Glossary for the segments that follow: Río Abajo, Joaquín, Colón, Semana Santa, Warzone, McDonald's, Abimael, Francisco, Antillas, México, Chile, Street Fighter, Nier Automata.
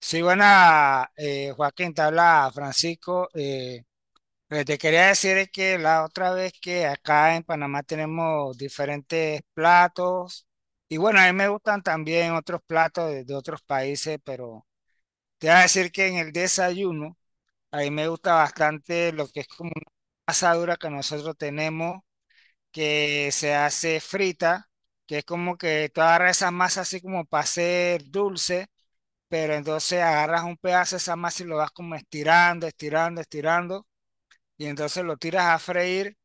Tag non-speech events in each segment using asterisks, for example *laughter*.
Sí, buena, Joaquín, te habla Francisco. Lo que te quería decir es que la otra vez que acá en Panamá tenemos diferentes platos y bueno, a mí me gustan también otros platos de otros países, pero te voy a decir que en el desayuno a mí me gusta bastante lo que es como una asadura que nosotros tenemos que se hace frita, que es como que toda esa masa así como para hacer dulce, pero entonces agarras un pedazo de esa masa y lo vas como estirando, estirando, estirando, y entonces lo tiras a freír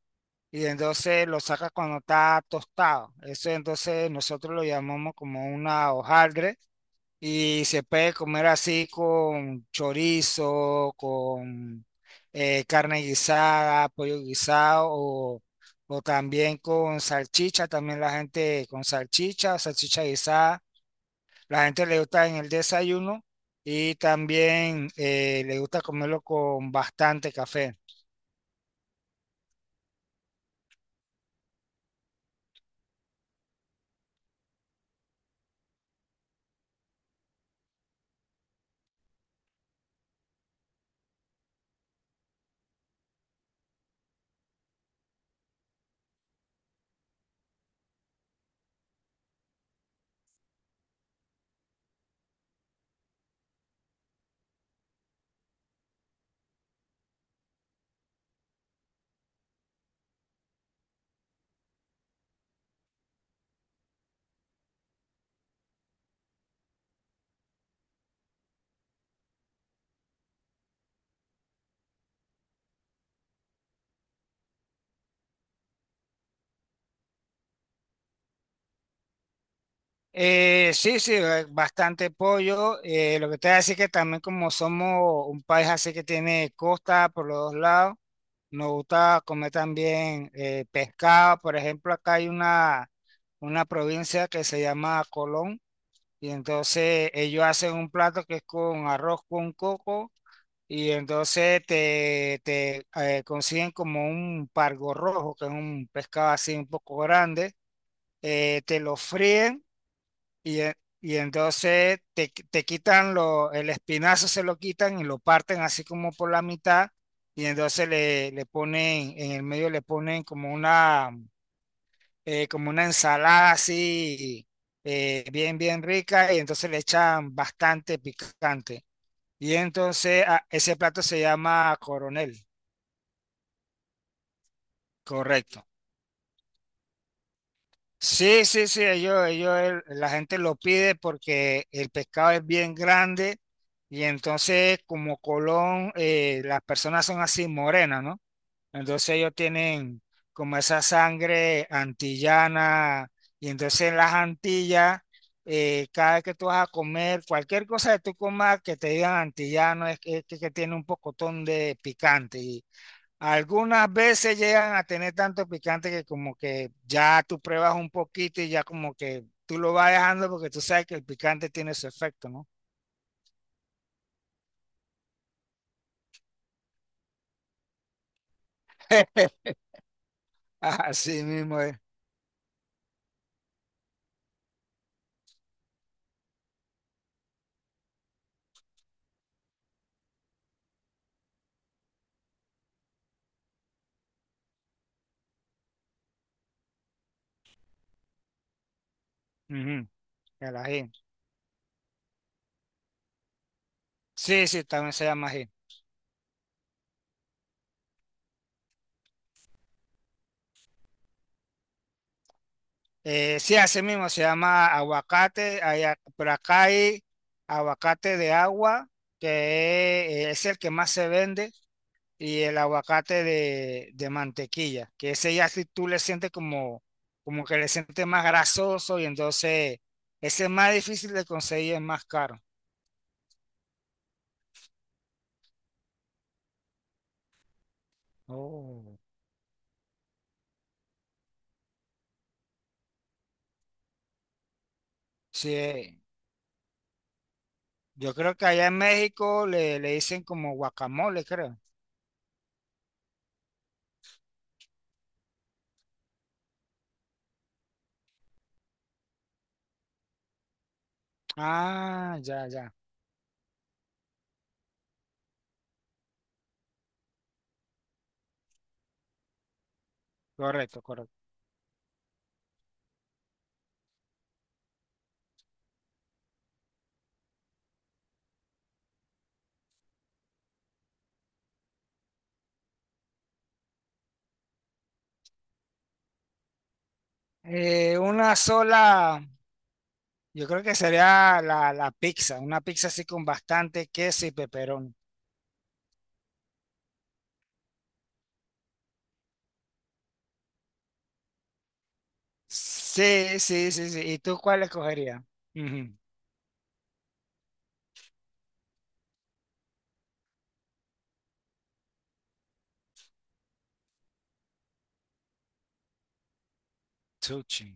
y entonces lo sacas cuando está tostado. Eso entonces nosotros lo llamamos como una hojaldre y se puede comer así con chorizo, con carne guisada, pollo guisado o... O también con salchicha, también la gente con salchicha, salchicha guisada, la gente le gusta en el desayuno, y también le gusta comerlo con bastante café. Sí, sí, bastante pollo. Lo que te voy a decir que también, como somos un país así que tiene costa por los dos lados, nos gusta comer también pescado. Por ejemplo, acá hay una provincia que se llama Colón, y entonces ellos hacen un plato que es con arroz con coco. Y entonces te consiguen como un pargo rojo, que es un pescado así un poco grande, te lo fríen y, e- y entonces te quitan lo, el espinazo, se lo quitan y lo parten así como por la mitad, y entonces le ponen, en el medio le ponen como una ensalada así, bien, bien rica, y entonces le echan bastante picante. Y entonces ese plato se llama coronel. Correcto. Sí, sí, sí, la gente lo pide porque el pescado es bien grande, y entonces como Colón, las personas son así morenas, ¿no? Entonces ellos tienen como esa sangre antillana, y entonces en las Antillas, cada vez que tú vas a comer, cualquier cosa que tú comas que te digan antillano es que tiene un pocotón de picante, y algunas veces llegan a tener tanto picante que como que ya tú pruebas un poquito y ya como que tú lo vas dejando porque tú sabes que el picante tiene su efecto, ¿no? *laughs* Así mismo es. Ujú, el ají. Sí, sí, también se llama ají. Sí, así mismo se llama aguacate, allá- pero acá hay aguacate de agua, que es el que más se vende. Y el aguacate de mantequilla, que ese ya si tú le sientes como, como que le sientes más grasoso, y entonces ese es más difícil de conseguir, es más caro. Oh. Sí, yo creo que allá en México le dicen como guacamole, creo. Ah, ya, ya, correcto, correcto. Una sola, yo creo que sería la pizza, una pizza así con bastante queso y peperón. Sí, sí, sí, sí. ¿Y tú cuál escogerías? Ujú. Sushi.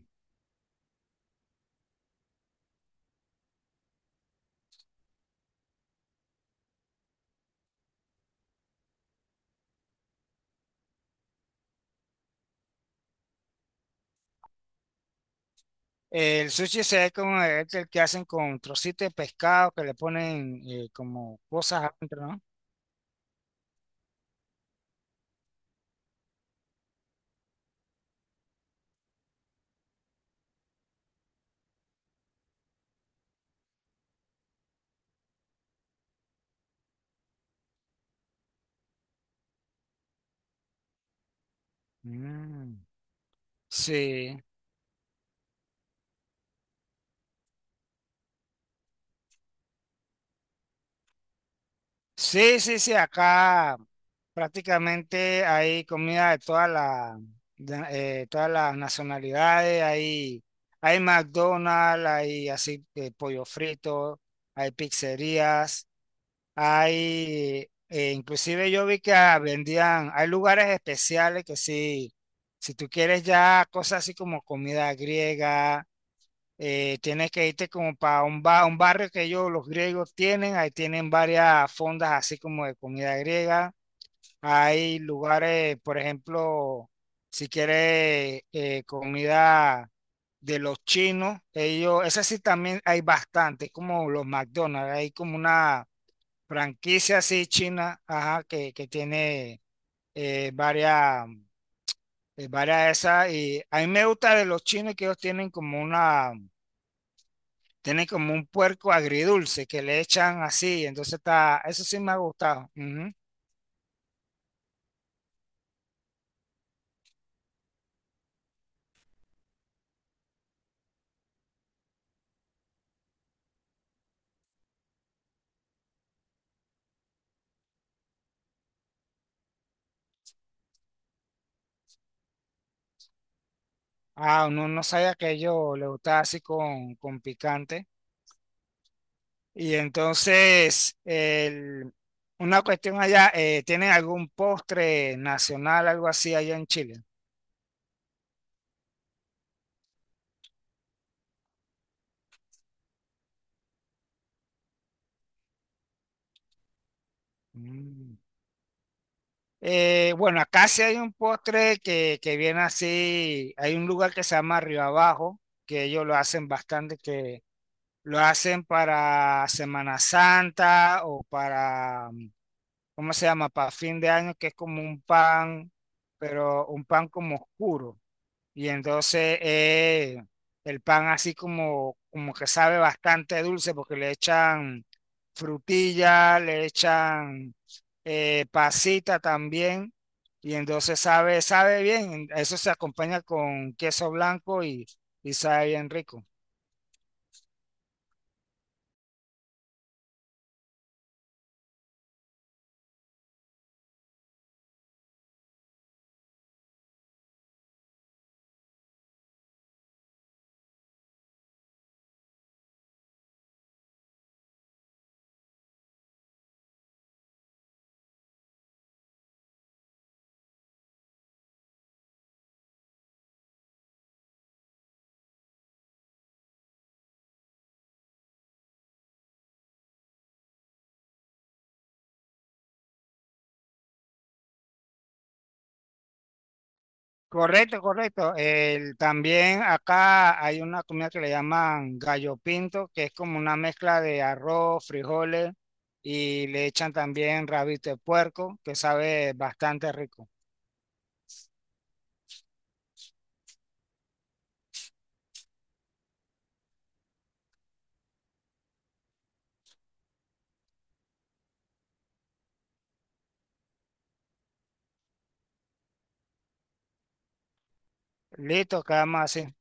El sushi se ve como el que hacen con trocitos de pescado que le ponen, como cosas adentro, ¿no? Mm. Sí, sí, sí, sí, acá prácticamente hay comida de todas las, todas las nacionalidades, hay McDonald's, hay así pollo frito, hay pizzerías. Hay, inclusive yo vi que vendían, hay lugares especiales que sí, si tú quieres ya cosas así como comida griega, tienes que irte como para un, un barrio que ellos, los griegos tienen, ahí tienen varias fondas así como de comida griega. Hay lugares, por ejemplo, si quieres comida de los chinos, ellos, esa sí también hay bastante, como los McDonald's, hay como una franquicia así china, ajá, que tiene eh, varias, varias de esas. Y a mí me gusta de los chinos que ellos tienen como una, tienen como un puerco agridulce que le echan así. Entonces está, eso sí me ha gustado. Ujú. Ah, no, no sabía que a ellos les gustaba así con picante. Y entonces, una cuestión allá, ¿tienen algún postre nacional, algo así allá en Chile? Mm. Bueno, acá sí hay un postre que viene así. Hay un lugar que se llama Río Abajo, que ellos lo hacen bastante, que lo hacen para Semana Santa o para, ¿cómo se llama? Para fin de año, que es como un pan, pero un pan como oscuro. Y entonces el pan así como, como que sabe bastante dulce porque le echan frutilla, le echan pasita también. Y entonces sabe, sabe bien. Eso se acompaña con queso blanco, y sabe bien rico. Correcto, correcto. También acá hay una comida que le llaman gallo pinto, que es como una mezcla de arroz, frijoles, y le echan también rabito de puerco, que sabe bastante rico. Listo, quedamos así.